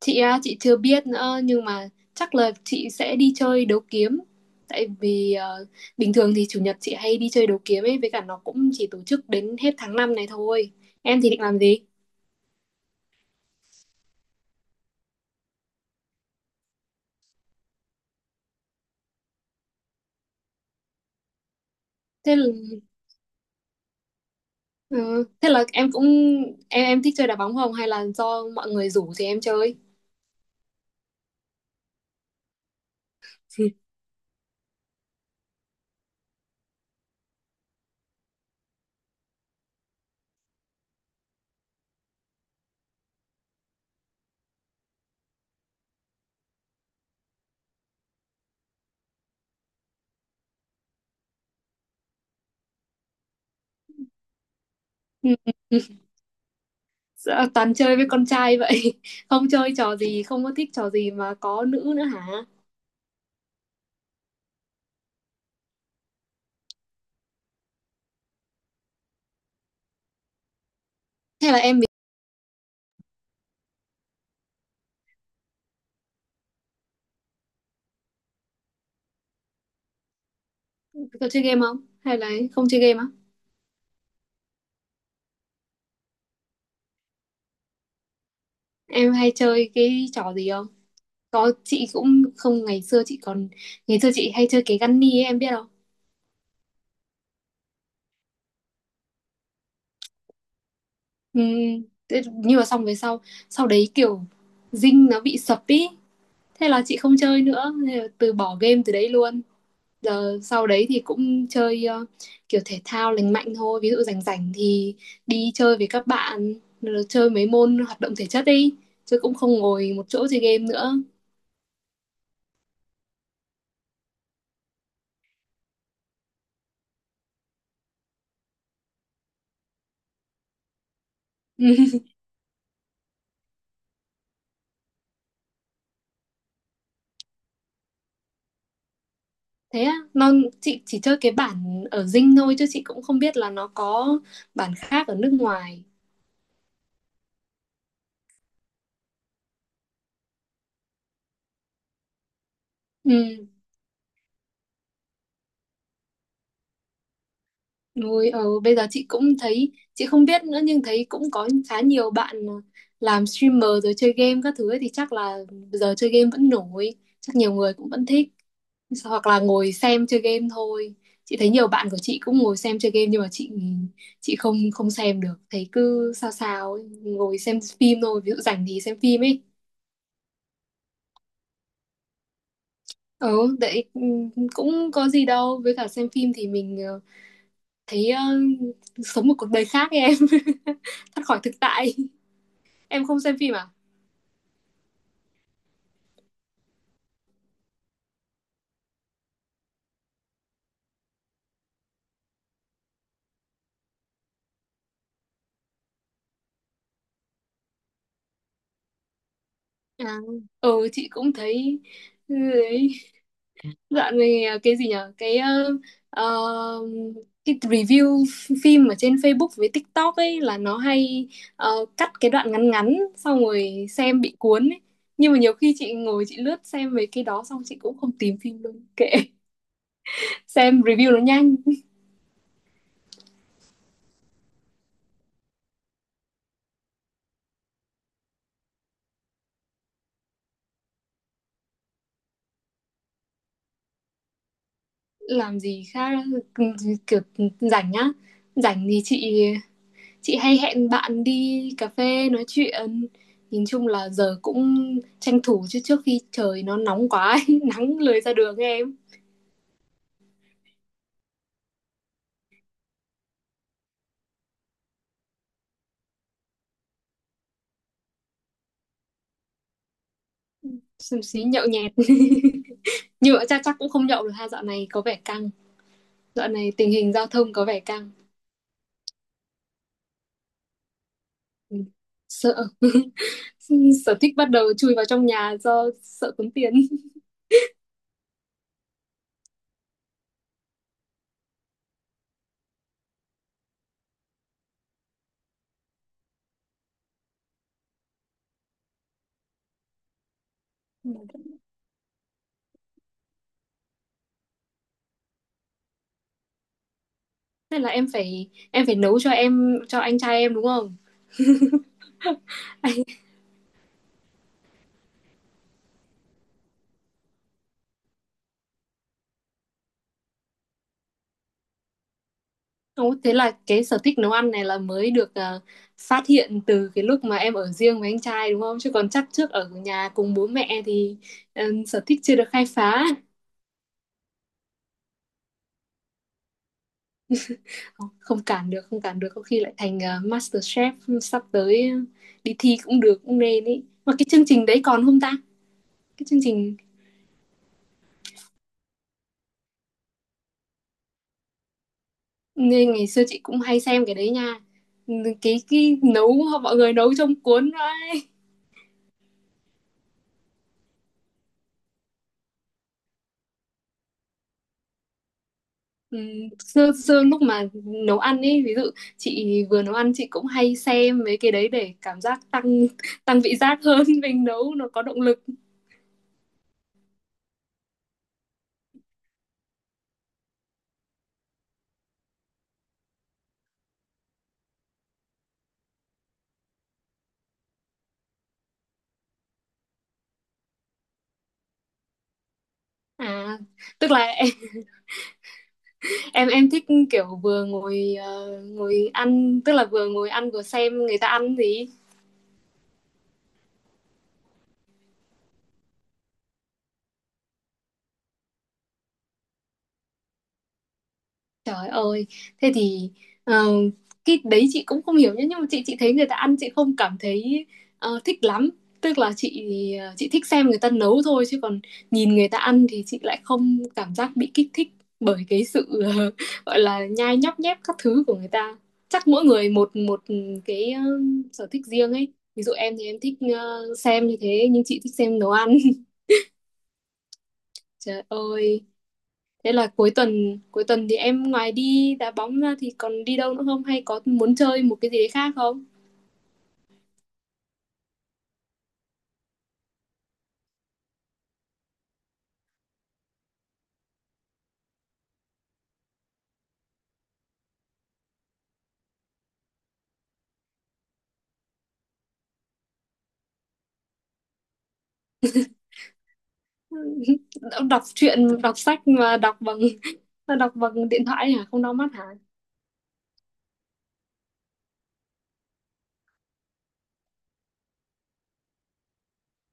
Chị á, chị chưa biết nữa nhưng mà chắc là chị sẽ đi chơi đấu kiếm. Tại vì bình thường thì chủ nhật chị hay đi chơi đấu kiếm ấy, với cả nó cũng chỉ tổ chức đến hết tháng 5 này thôi. Em thì định làm gì? Thế là ừ, thế là em cũng em thích chơi đá bóng, không hay là do mọi người rủ thì em chơi? Ừ, dạ, toàn chơi với con trai vậy. Không chơi trò gì, không có thích trò gì mà có nữ nữa hả? Hay là em có chơi game không? Hay là không chơi game á? Em hay chơi cái trò gì không? Có, chị cũng không, ngày xưa chị hay chơi cái Gunny ấy, em biết không? Ừ, nhưng mà xong về sau, sau đấy kiểu Dinh nó bị sập ý, thế là chị không chơi nữa, thế là từ bỏ game từ đấy luôn. Giờ sau đấy thì cũng chơi kiểu thể thao lành mạnh thôi, ví dụ rảnh rảnh thì đi chơi với các bạn, rồi chơi mấy môn hoạt động thể chất đi, chứ cũng không ngồi một chỗ chơi game nữa. Thế á, chị chỉ chơi cái bản ở Dinh thôi, chứ chị cũng không biết là nó có bản khác ở nước ngoài. Ừ, rồi bây giờ chị cũng thấy, chị không biết nữa, nhưng thấy cũng có khá nhiều bạn làm streamer rồi chơi game các thứ ấy, thì chắc là giờ chơi game vẫn nổi, chắc nhiều người cũng vẫn thích, hoặc là ngồi xem chơi game thôi. Chị thấy nhiều bạn của chị cũng ngồi xem chơi game, nhưng mà chị không không xem được, thấy cứ sao sao ấy, ngồi xem phim thôi, ví dụ rảnh thì xem phim ấy. Ừ, đấy, ừ, cũng có gì đâu, với cả xem phim thì mình thấy sống một cuộc đời khác ấy, em. Thoát khỏi thực tại. Em không xem phim à? À, ừ, chị cũng thấy, ừ, đấy. Dạo này cái gì nhở, ờ, cái review phim ở trên Facebook với TikTok ấy là nó hay, cắt cái đoạn ngắn ngắn xong rồi xem bị cuốn ấy, nhưng mà nhiều khi chị ngồi chị lướt xem về cái đó xong chị cũng không tìm phim luôn, kệ. Xem review nó nhanh. Làm gì khác, kiểu rảnh á? Rảnh thì chị hay hẹn bạn đi cà phê nói chuyện. Nhìn chung là giờ cũng tranh thủ, chứ trước khi trời nó nóng quá ấy, nắng lười ra đường ấy, em. Xúm xí nhậu nhẹt. Nhưng mà chắc chắc cũng không nhậu được ha, dạo này có vẻ căng, dạo này tình hình giao thông có vẻ căng. Ừ, sợ. Sở thích bắt đầu chui vào trong nhà do sợ tốn tiền. Thế là em phải nấu cho anh trai em đúng không? Ồ, thế là cái sở thích nấu ăn này là mới được à, phát hiện từ cái lúc mà em ở riêng với anh trai đúng không? Chứ còn chắc trước ở nhà cùng bố mẹ thì ừ, sở thích chưa được khai phá. Không, không cản được, không cản được. Có khi lại thành Master Chef, sắp tới đi thi cũng được, cũng nên ý. Mà cái chương trình đấy còn không ta? Cái chương trình ngày xưa chị cũng hay xem cái đấy nha. Ừ, cái nấu mọi người nấu trong cuốn ấy. Ừ, xưa lúc mà nấu ăn ấy, ví dụ chị vừa nấu ăn chị cũng hay xem mấy cái đấy để cảm giác tăng tăng vị giác hơn. Mình nấu nó có động lực. À tức là em thích kiểu vừa ngồi ăn, tức là vừa ngồi ăn vừa xem người ta ăn gì. Trời ơi, thế thì ờ, cái đấy chị cũng không hiểu nhá, nhưng mà chị thấy người ta ăn chị không cảm thấy thích lắm. Tức là chị thích xem người ta nấu thôi, chứ còn nhìn người ta ăn thì chị lại không cảm giác bị kích thích bởi cái sự gọi là nhai nhóc nhép các thứ của người ta. Chắc mỗi người một một cái sở thích riêng ấy. Ví dụ em thì em thích xem như thế, nhưng chị thích xem nấu ăn. Trời ơi. Thế là cuối tuần thì em ngoài đi đá bóng ra thì còn đi đâu nữa không, hay có muốn chơi một cái gì đấy khác không? Đọc truyện, đọc sách mà đọc bằng. Đọc bằng điện thoại hả? Không đau mắt hả?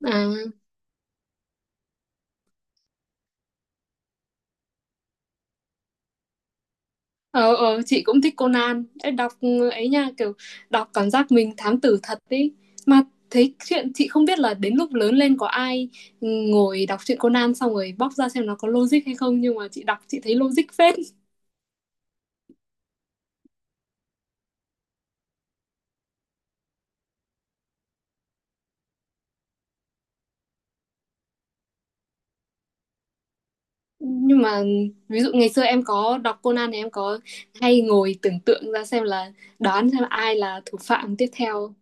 À, ờ, chị cũng thích Conan. Ê, đọc ấy nha, kiểu đọc cảm giác mình thám tử thật ấy. Mà thấy chuyện chị không biết là đến lúc lớn lên có ai ngồi đọc truyện Conan xong rồi bóc ra xem nó có logic hay không, nhưng mà chị đọc chị thấy logic phết. Nhưng mà ví dụ ngày xưa em có đọc Conan thì em có hay ngồi tưởng tượng ra xem là đoán xem ai là thủ phạm tiếp theo.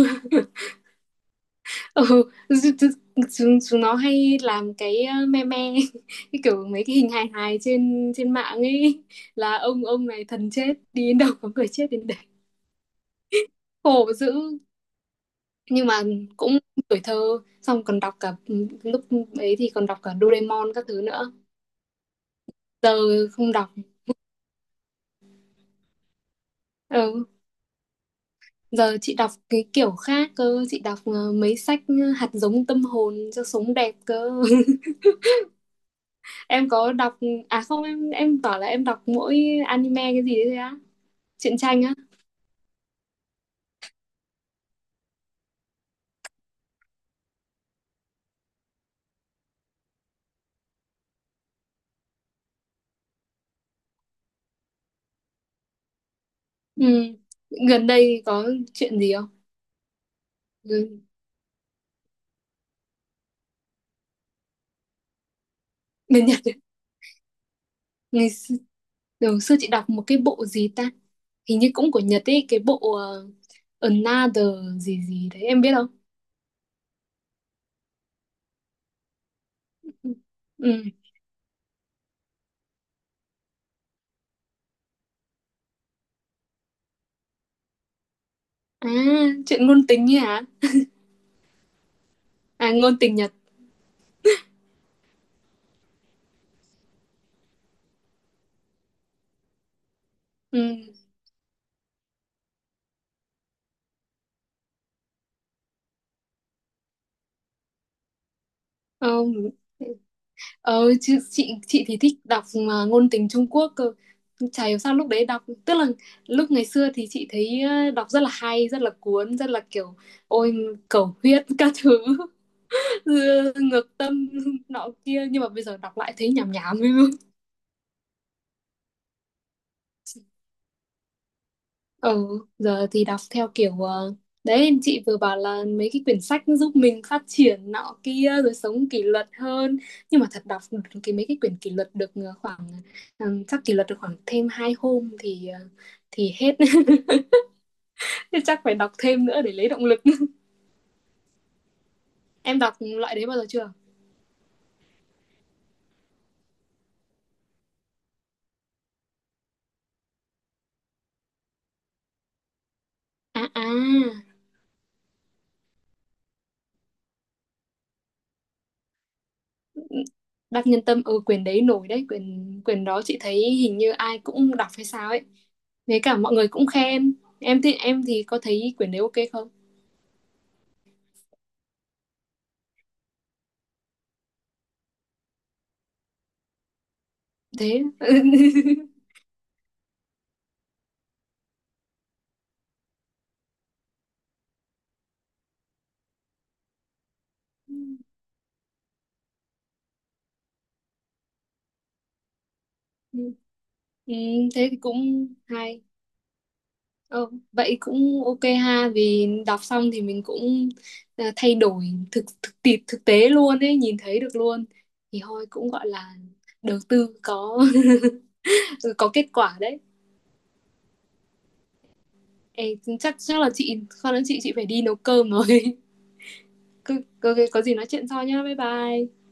Ừ, chúng, chúng nó hay làm cái me me. Cái kiểu mấy cái hình hài hài trên trên mạng ấy, là ông này thần chết đi đến đâu có người chết đến đấy, khổ dữ. Nhưng mà cũng tuổi thơ, xong còn đọc cả, lúc ấy thì còn đọc cả Doraemon các thứ nữa. Giờ không đọc, ừ. Giờ chị đọc cái kiểu khác cơ, chị đọc mấy sách hạt giống tâm hồn cho sống đẹp cơ. Em có đọc à, không, em bảo là em đọc mỗi anime cái gì đấy thôi á, truyện tranh á. Ừ. Gần đây có chuyện gì không? Ừ. Bên Nhật ấy. ngày xưa, đầu xưa chị đọc một cái bộ gì ta? Hình như cũng của Nhật ấy, cái bộ Another gì gì đấy em biết không? Ừ. À, chuyện ngôn tình ấy hả? À, ngôn tình Nhật. Ừ. Không. Ờ, chứ chị thì thích đọc mà ngôn tình Trung Quốc cơ. Chả hiểu sao lúc đấy đọc, tức là lúc ngày xưa thì chị thấy đọc rất là hay, rất là cuốn, rất là kiểu ôi, cầu huyết các thứ, ngược tâm nọ kia, nhưng mà bây giờ đọc lại thấy nhảm nhảm. Ừ, giờ thì đọc theo kiểu đấy, chị vừa bảo là mấy cái quyển sách nó giúp mình phát triển nọ kia rồi sống kỷ luật hơn, nhưng mà thật đọc mấy cái quyển kỷ luật được khoảng chắc kỷ luật được khoảng thêm hai hôm thì thì hết. Thế chắc phải đọc thêm nữa để lấy động lực. Em đọc loại đấy bao giờ chưa? À, à, Đắc Nhân Tâm, ừ, quyển đấy nổi đấy, quyển quyển đó chị thấy hình như ai cũng đọc hay sao ấy, với cả mọi người cũng khen. Em thì có thấy quyển đấy ok không? Thế. Ừ, thế thì cũng hay. Ờ, vậy cũng ok ha, vì đọc xong thì mình cũng thay đổi, thực thực tiệp thực tế luôn ấy, nhìn thấy được luôn, thì thôi cũng gọi là đầu tư có có kết quả đấy. Ê, chắc chắc là chị con nói, chị phải đi nấu cơm rồi. Có, có gì nói chuyện sau nhá, bye bye.